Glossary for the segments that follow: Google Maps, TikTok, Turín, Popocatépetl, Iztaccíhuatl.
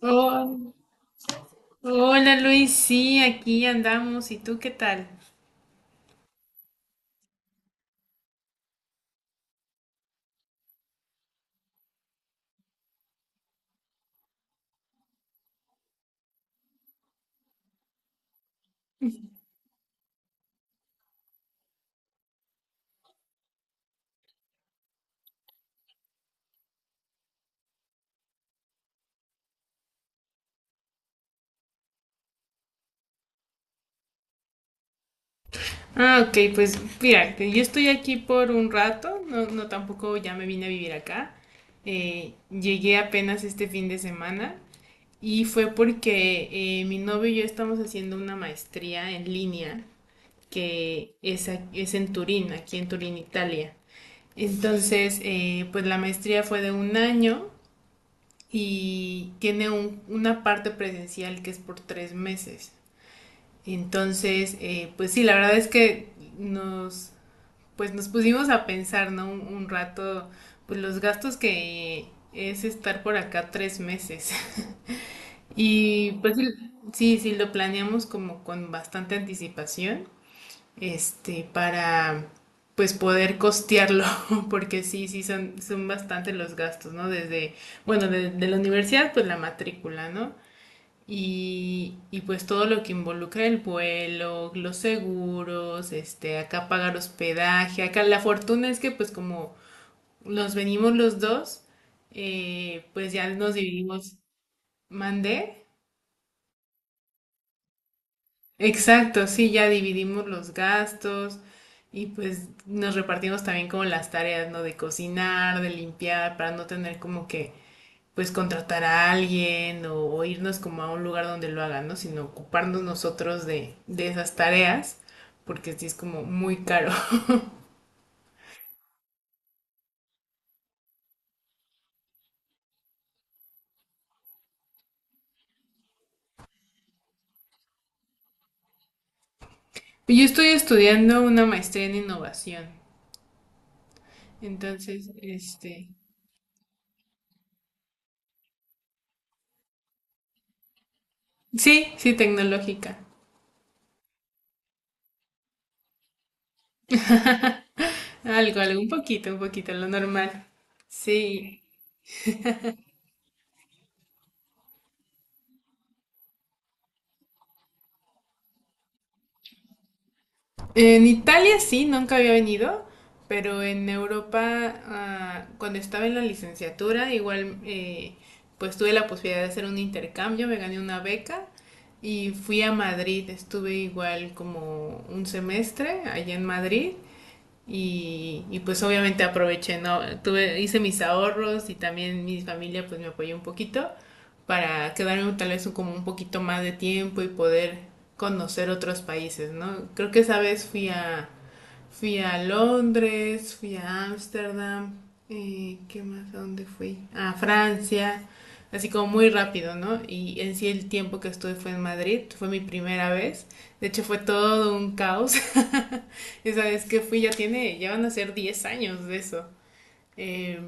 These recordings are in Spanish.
Oh, hola Luis, sí, aquí andamos. ¿Y tú qué tal? Ah, ok, pues mira, que yo estoy aquí por un rato, no, no tampoco ya me vine a vivir acá. Llegué apenas este fin de semana y fue porque mi novio y yo estamos haciendo una maestría en línea que es, es en Turín, aquí en Turín, Italia. Entonces, pues la maestría fue de un año y tiene una parte presencial que es por 3 meses. Entonces, pues sí, la verdad es que nos, pues nos pusimos a pensar, ¿no? Un rato, pues los gastos que es estar por acá 3 meses. Y pues sí, sí, sí, lo planeamos como con bastante anticipación, este, para pues poder costearlo, porque sí, sí son bastante los gastos, ¿no? Desde, bueno, de la universidad, pues la matrícula, ¿no? Y pues todo lo que involucra el vuelo, los seguros, este, acá pagar hospedaje. Acá la fortuna es que pues como nos venimos los dos, pues ya nos dividimos, mandé. Exacto, sí, ya dividimos los gastos y pues nos repartimos también como las tareas, ¿no? De cocinar, de limpiar, para no tener como que pues contratar a alguien, o irnos como a un lugar donde lo hagan, ¿no? Sino ocuparnos nosotros de esas tareas, porque sí es como muy caro. Yo estoy estudiando una maestría en innovación, entonces, este, sí, sí, tecnológica. Algo, algo, un poquito, lo normal. Sí. En Italia sí, nunca había venido, pero en Europa, ah, cuando estaba en la licenciatura, igual pues tuve la posibilidad de hacer un intercambio, me gané una beca y fui a Madrid, estuve igual como un semestre allá en Madrid, y pues obviamente aproveché, ¿no? Tuve, hice mis ahorros y también mi familia pues me apoyó un poquito para quedarme tal vez como un poquito más de tiempo y poder conocer otros países, ¿no? Creo que esa vez fui a Londres, fui a Ámsterdam, ¿qué más? ¿A dónde fui? A Francia, así como muy rápido, ¿no? Y en sí el tiempo que estuve fue en Madrid, fue mi primera vez, de hecho fue todo un caos. Esa vez que fui ya tiene, ya van a ser 10 años de eso. Eh,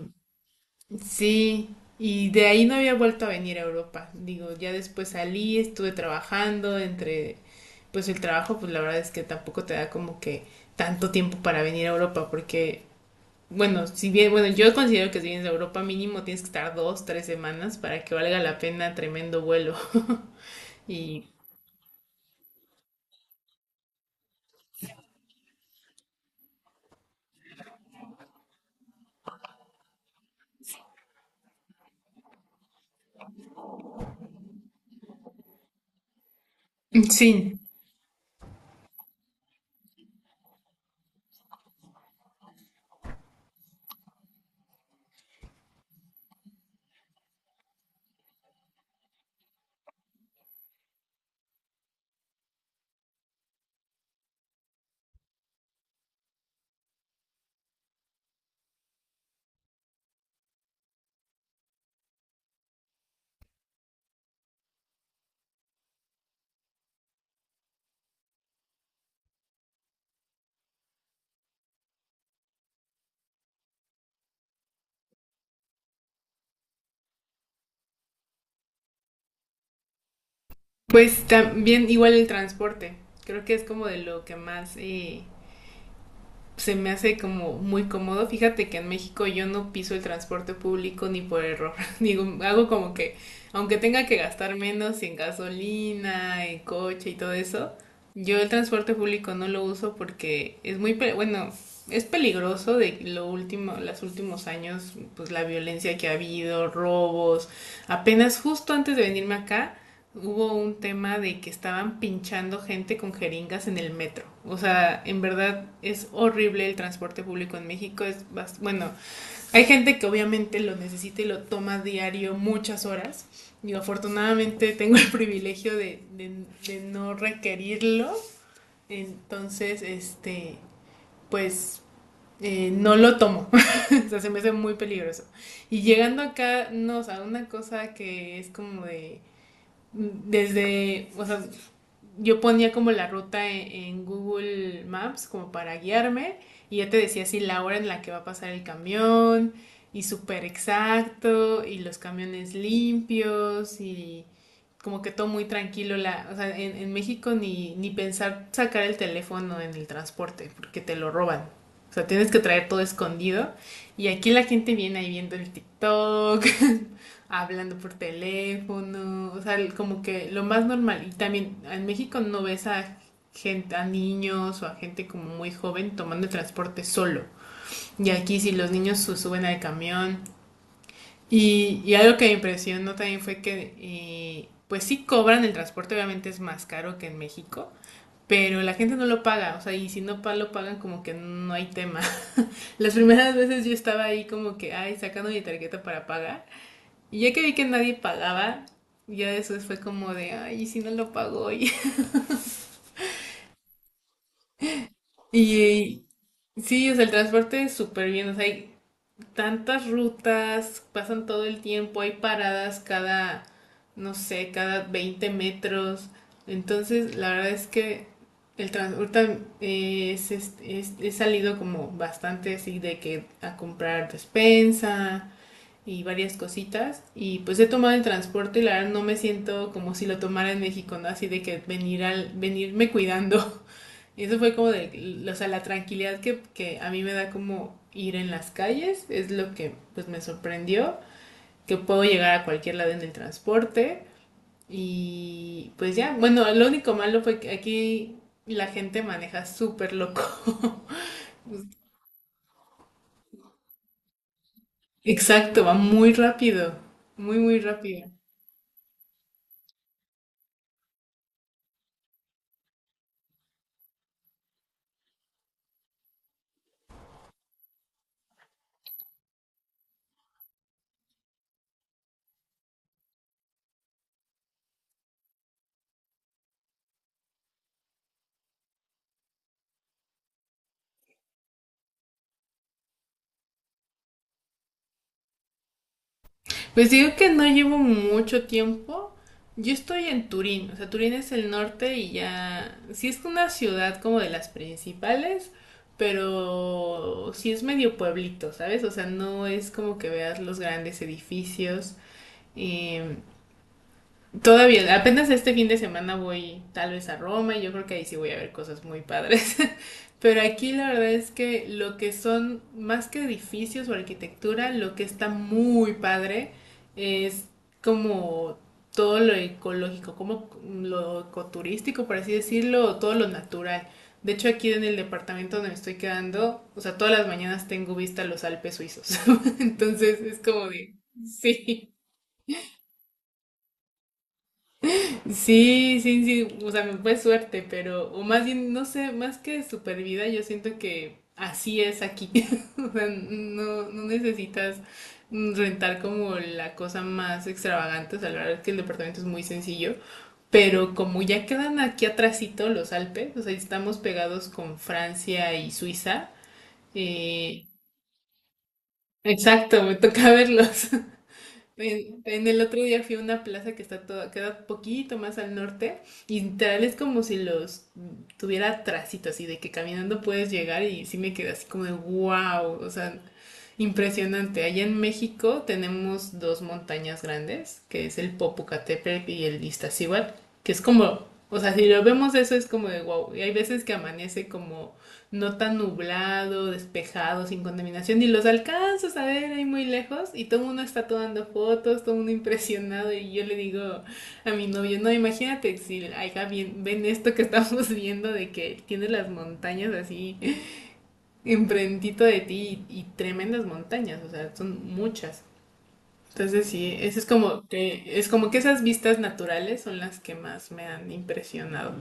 sí, y de ahí no había vuelto a venir a Europa. Digo, ya después salí, estuve trabajando pues el trabajo, pues la verdad es que tampoco te da como que tanto tiempo para venir a Europa, porque, bueno, si bien, bueno, yo considero que si vienes a Europa mínimo tienes que estar 2, 3 semanas para que valga la pena tremendo vuelo. Y sí, pues también igual el transporte. Creo que es como de lo que más se me hace como muy cómodo. Fíjate que en México yo no piso el transporte público ni por error. Digo, hago como que, aunque tenga que gastar menos en gasolina, en coche y todo eso, yo el transporte público no lo uso porque es muy, bueno, es peligroso de lo último, los últimos años, pues la violencia que ha habido, robos. Apenas justo antes de venirme acá, hubo un tema de que estaban pinchando gente con jeringas en el metro. O sea, en verdad es horrible el transporte público en México. Bueno, hay gente que obviamente lo necesita y lo toma diario muchas horas. Yo afortunadamente tengo el privilegio de no requerirlo. Entonces, este, pues no lo tomo. O sea, se me hace muy peligroso. Y llegando acá, no, o sea, una cosa que es como de desde, o sea, yo ponía como la ruta Google Maps como para guiarme y ya te decía así la hora en la que va a pasar el camión, y súper exacto, y los camiones limpios y como que todo muy tranquilo. O sea, en, México ni pensar sacar el teléfono en el transporte porque te lo roban. O sea, tienes que traer todo escondido. Y aquí la gente viene ahí viendo el TikTok, hablando por teléfono, o sea, como que lo más normal. Y también en México no ves a gente, a niños o a gente como muy joven tomando el transporte solo. Y aquí si los niños suben al camión. Y algo que me impresionó también fue que, pues sí cobran el transporte, obviamente es más caro que en México. Pero la gente no lo paga, o sea, y si no lo pagan, como que no hay tema. Las primeras veces yo estaba ahí como que, ay, sacando mi tarjeta para pagar, y ya que vi que nadie pagaba, ya después fue como de, ay, ¿y si no lo pagó? Y, y sí, o sea, el transporte es súper bien, o sea, hay tantas rutas, pasan todo el tiempo, hay paradas cada, no sé, cada 20 metros. Entonces, la verdad es que el transporte he salido como bastante así de que a comprar despensa y varias cositas. Y pues he tomado el transporte y la verdad no me siento como si lo tomara en México, ¿no? Así de que venir venirme cuidando. Y eso fue como de, o sea, la tranquilidad que a mí me da como ir en las calles, es lo que pues me sorprendió, que puedo llegar a cualquier lado en el transporte. Y pues ya, bueno, lo único malo fue que aquí la gente maneja súper loco. Exacto, va muy rápido, muy, muy rápido. Pues digo que no llevo mucho tiempo. Yo estoy en Turín, o sea, Turín es el norte y ya, sí es una ciudad como de las principales, pero sí es medio pueblito, ¿sabes? O sea, no es como que veas los grandes edificios. eh, Todavía, apenas este fin de semana voy tal vez a Roma, y yo creo que ahí sí voy a ver cosas muy padres. Pero aquí la verdad es que lo que son más que edificios o arquitectura, lo que está muy padre es como todo lo ecológico, como lo ecoturístico, por así decirlo, o todo lo natural. De hecho, aquí en el departamento donde me estoy quedando, o sea, todas las mañanas tengo vista a los Alpes suizos. Entonces es como de, sí. Sí, sí, sí, o sea, me fue suerte, pero, o más bien, no sé, más que supervida yo siento que así es aquí. O sea, no, no necesitas rentar como la cosa más extravagante, o sea, la verdad es que el departamento es muy sencillo, pero como ya quedan aquí atrásito los Alpes, o sea, estamos pegados con Francia y Suiza, eh, exacto, me toca verlos. En el otro día fui a una plaza que está toda, queda poquito más al norte, y literal es como si los tuviera tracito, así de que caminando puedes llegar, y sí me quedé así como de wow, o sea, impresionante. Allá en México tenemos dos montañas grandes, que es el Popocatépetl y el Iztaccíhuatl, que es como, o sea, si lo vemos eso es como de wow. Y hay veces que amanece como no tan nublado, despejado, sin contaminación, y los alcanzas a ver ahí muy lejos, y todo el mundo está tomando fotos, todo el mundo impresionado, y yo le digo a mi novio, no, imagínate si acá bien, ven esto que estamos viendo, de que tiene las montañas así enfrentito de ti, y tremendas montañas, o sea, son muchas. Entonces sí, eso es como que esas vistas naturales son las que más me han impresionado.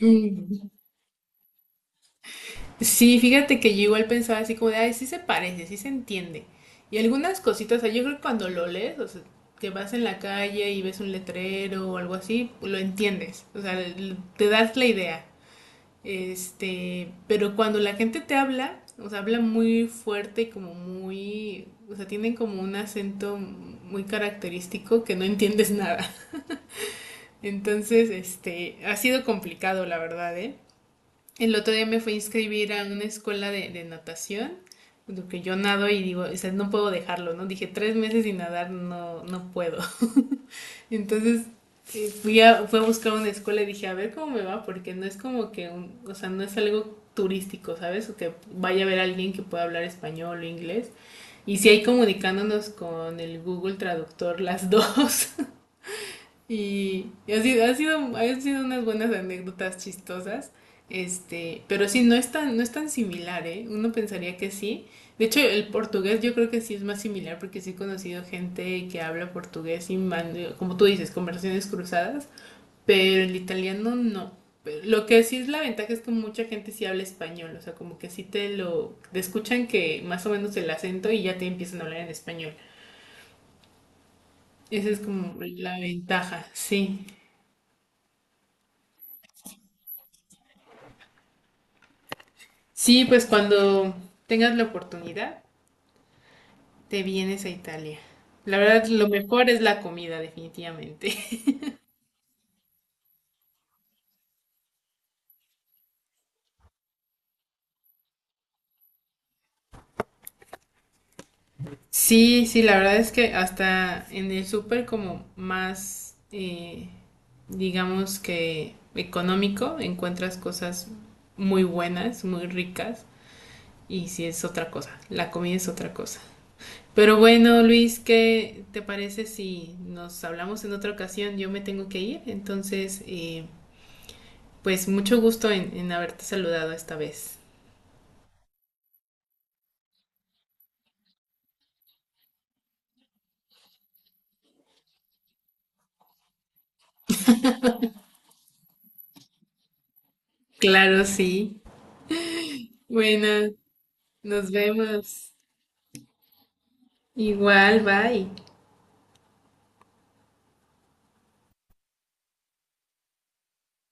Mm. Sí, fíjate que yo igual pensaba así como de, ay, sí se parece, sí se entiende. Y algunas cositas, o sea, yo creo que cuando lo lees, o sea, que vas en la calle y ves un letrero o algo así, lo entiendes, o sea, te das la idea. Este, pero cuando la gente te habla, o sea, habla muy fuerte y como muy, o sea, tienen como un acento muy característico que no entiendes nada. Entonces, este, ha sido complicado, la verdad, ¿eh? El otro día me fui a inscribir a una escuela de natación, porque yo nado, y digo, o sea, no puedo dejarlo, ¿no? Dije, 3 meses sin nadar, no, no puedo. Entonces fui a buscar una escuela, y dije, a ver cómo me va, porque no es como que, un, o sea, no es algo turístico, ¿sabes? O que vaya a ver a alguien que pueda hablar español o inglés. Y si hay comunicándonos con el Google Traductor las dos. Han sido unas buenas anécdotas chistosas, este, pero sí, no es tan similar, ¿eh? Uno pensaría que sí. De hecho, el portugués yo creo que sí es más similar porque sí he conocido gente que habla portugués y, como tú dices, conversaciones cruzadas, pero el italiano no. Pero lo que sí es la ventaja es que mucha gente sí habla español, o sea, como que sí te lo, te escuchan que más o menos el acento y ya te empiezan a hablar en español. Esa es como la ventaja, sí. Sí, pues cuando tengas la oportunidad, te vienes a Italia. La verdad, lo mejor es la comida, definitivamente. Sí, sí, la verdad es que hasta en el súper como más, digamos que económico, encuentras cosas muy buenas, muy ricas, y sí es otra cosa, la comida es otra cosa. Pero bueno, Luis, ¿qué te parece si nos hablamos en otra ocasión? Yo me tengo que ir, entonces, pues mucho gusto en, haberte saludado esta vez. Claro, sí. Bueno, nos vemos. Igual, bye.